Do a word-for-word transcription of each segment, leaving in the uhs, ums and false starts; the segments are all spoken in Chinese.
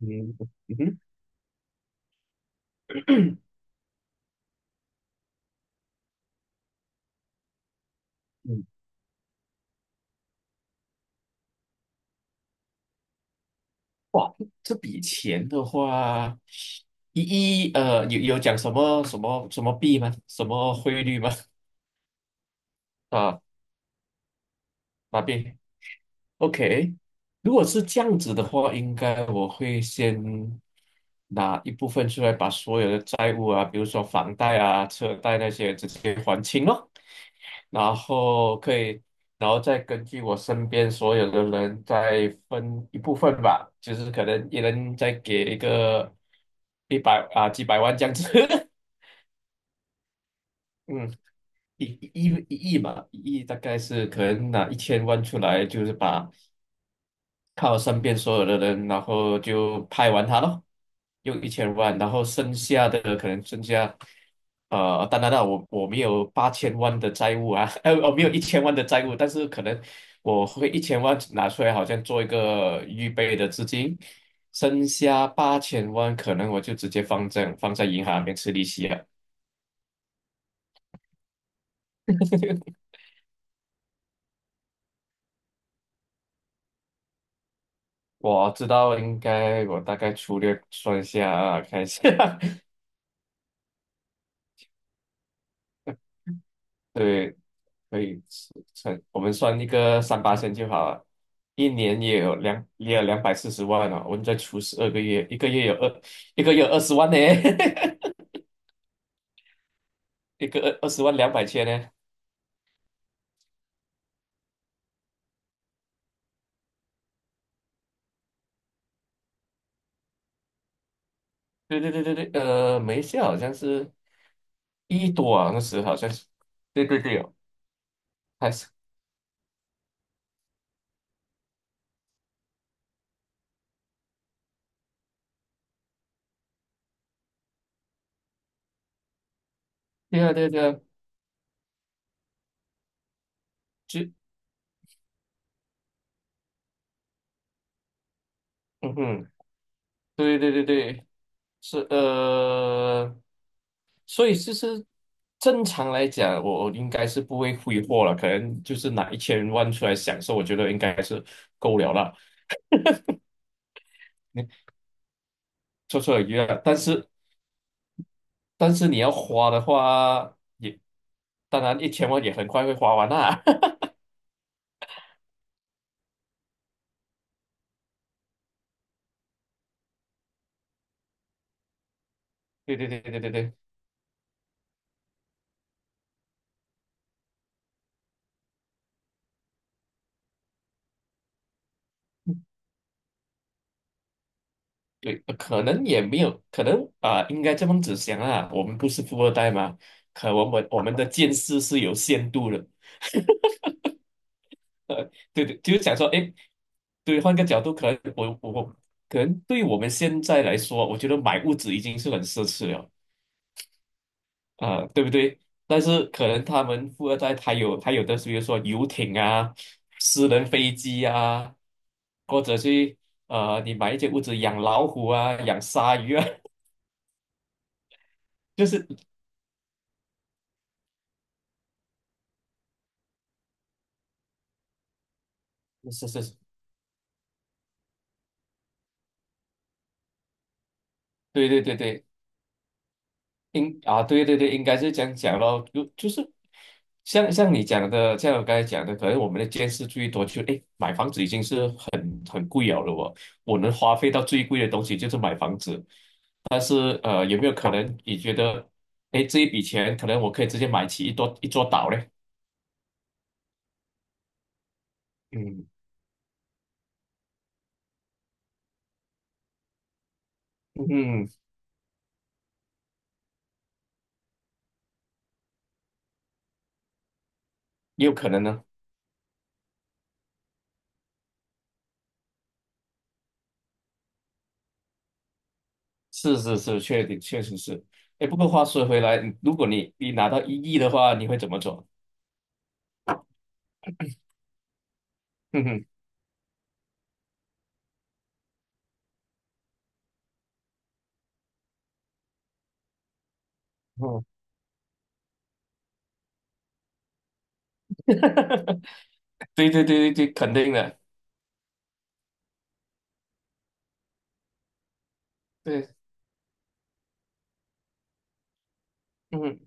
嗯。嗯。哼。 嗯。哇，这笔钱的话，一一呃，有有讲什么什么什么币吗？什么汇率吗？啊，马币？OK，如果是这样子的话，应该我会先拿一部分出来，把所有的债务啊，比如说房贷啊、车贷那些直接还清咯。然后可以，然后再根据我身边所有的人再分一部分吧，就是可能一人再给一个一百啊几百万这样子。嗯。一一一一亿嘛，一亿大概是可能拿一千万出来，就是把靠身边所有的人，然后就拍完它咯，用一千万，然后剩下的可能剩下，呃，当然了，我我没有八千万的债务啊。呃，我没有一千万的债务，但是可能我会一千万拿出来，好像做一个预备的资金，剩下八千万，可能我就直接放在放在银行里面吃利息啊。我知道应该，我大概粗略算一下啊，看一下。对。可以算，我们算一个三八线就好了。一年也有两也有两百四十万哦，我们再除十二个月，一个月有二一个月二十万呢。一个二二十万两百千呢。对对对对对，呃，没事，好像是一多啊，那时好像是，对对对哦，还是对啊对啊对啊，就嗯哼。对对对对，是呃，所以其实正常来讲，我我应该是不会挥霍了，可能就是拿一千万出来享受，我觉得应该是够了啦。你绰绰有余了，但是但是你要花的话，也当然一千万也很快会花完啦。对对对对对对对，呃可能也没有，可能啊、应该这么子想啊，我们不是富二代嘛，可我们我们的见识是有限度的。呃，对对，就是想说，哎，对，换个角度，可能我我我可能对我们现在来说，我觉得买屋子已经是很奢侈了啊、对不对？但是可能他们富二代他有他有的，比如说游艇啊、私人飞机啊，或者是呃，你买一间屋子养老虎啊、养鲨鱼啊。就是是是是，对对对对，应啊，对对对，应该是这样讲咯，就就是像像你讲的，像我刚才讲的，可能我们的见识最多就诶，买房子已经是很很贵了了哦，我能花费到最贵的东西就是买房子，但是呃，有没有可能你觉得，诶，这一笔钱可能我可以直接买起一座一座岛嘞？嗯嗯，也有可能呢，是是是，确定确实是，哎，不过话说回来，如果你你拿到一亿的话，你会怎么做？哼哼。嗯。对对对对对，肯定的，对，嗯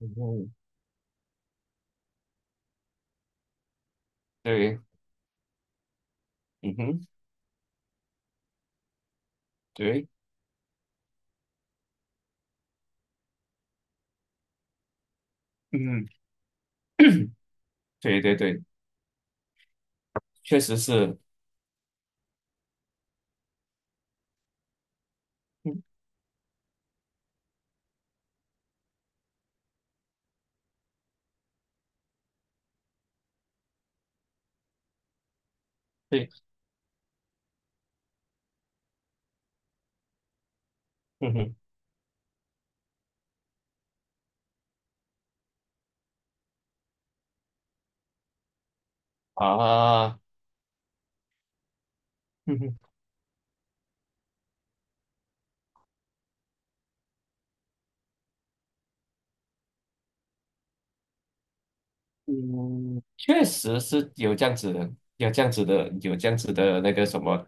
嗯对，嗯哼，对，嗯，对对对，确实是，嗯，对，嗯哼，啊，嗯哼，嗯，确实是有这样子的，有这样子的，有这样子的那个什么，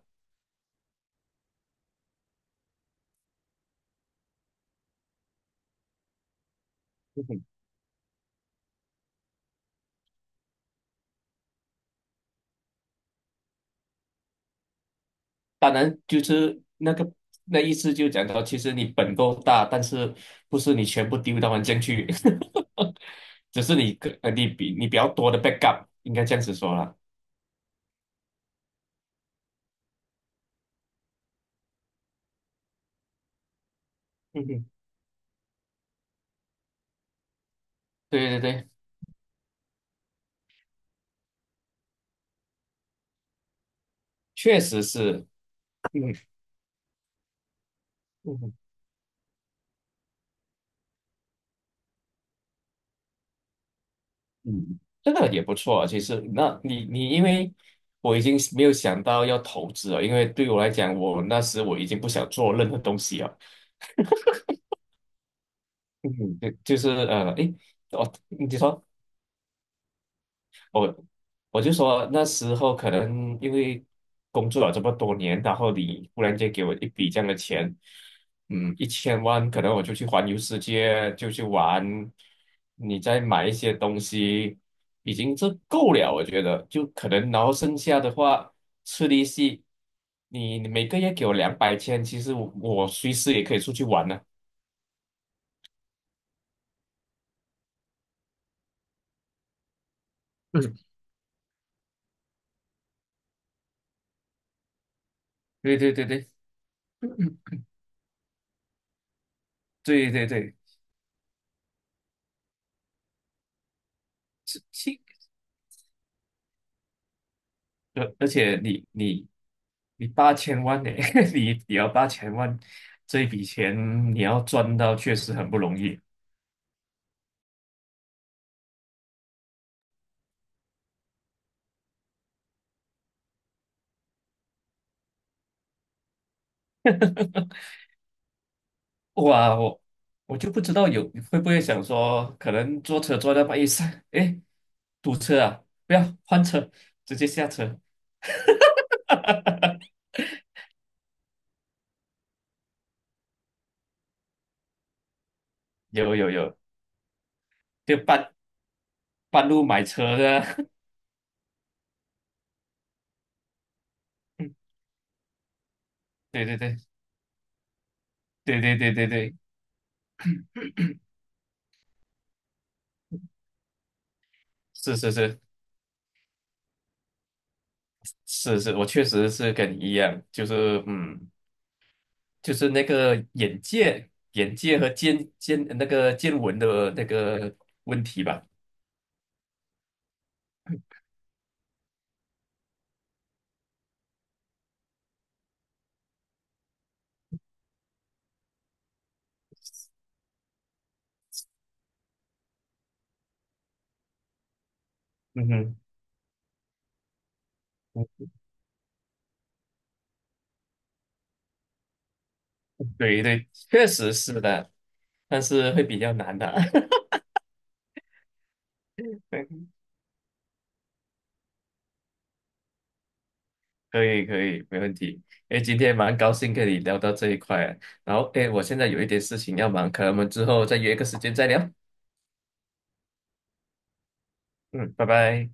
嗯哼，当然就是那个那意思就讲到，其实你本够大，但是不是你全部丢到环境去。只是你个呃你比你比较多的 backup，应该这样子说啦。嗯哼，对对对。确实是 嗯嗯嗯，这个也不错啊。其实，那你你因为我已经没有想到要投资了，因为对我来讲，我那时我已经不想做任何东西了。嗯，就就是呃，诶，哦，你说。我我就说那时候可能因为工作了这么多年，然后你忽然间给我一笔这样的钱，嗯，一千万，可能我就去环游世界，就去玩，你再买一些东西，已经这够了，我觉得就可能，然后剩下的话吃利息，你你每个月给我两百千，其实我我随时也可以出去玩呢。嗯，对对对对，对对对，是，而而且你你你八千万呢。你你要八千万，这一笔钱你要赚到确实很不容易。哇，我我就不知道有会不会想说，可能坐车坐到半夜三，哎，堵车啊，不要换车，直接下车。有有有，就半半路买车的。嗯，对对对对对对对对，是是是是是，我确实是跟你一样，就是嗯。就是那个眼界、眼界和见见那个见闻的那个问题吧。嗯哼，嗯对对，确实是的，但是会比较难的。可以可以，没问题。哎，今天蛮高兴跟你聊到这一块，然后哎，诶我现在有一点事情要忙，可能我们之后再约一个时间再聊。嗯，拜拜。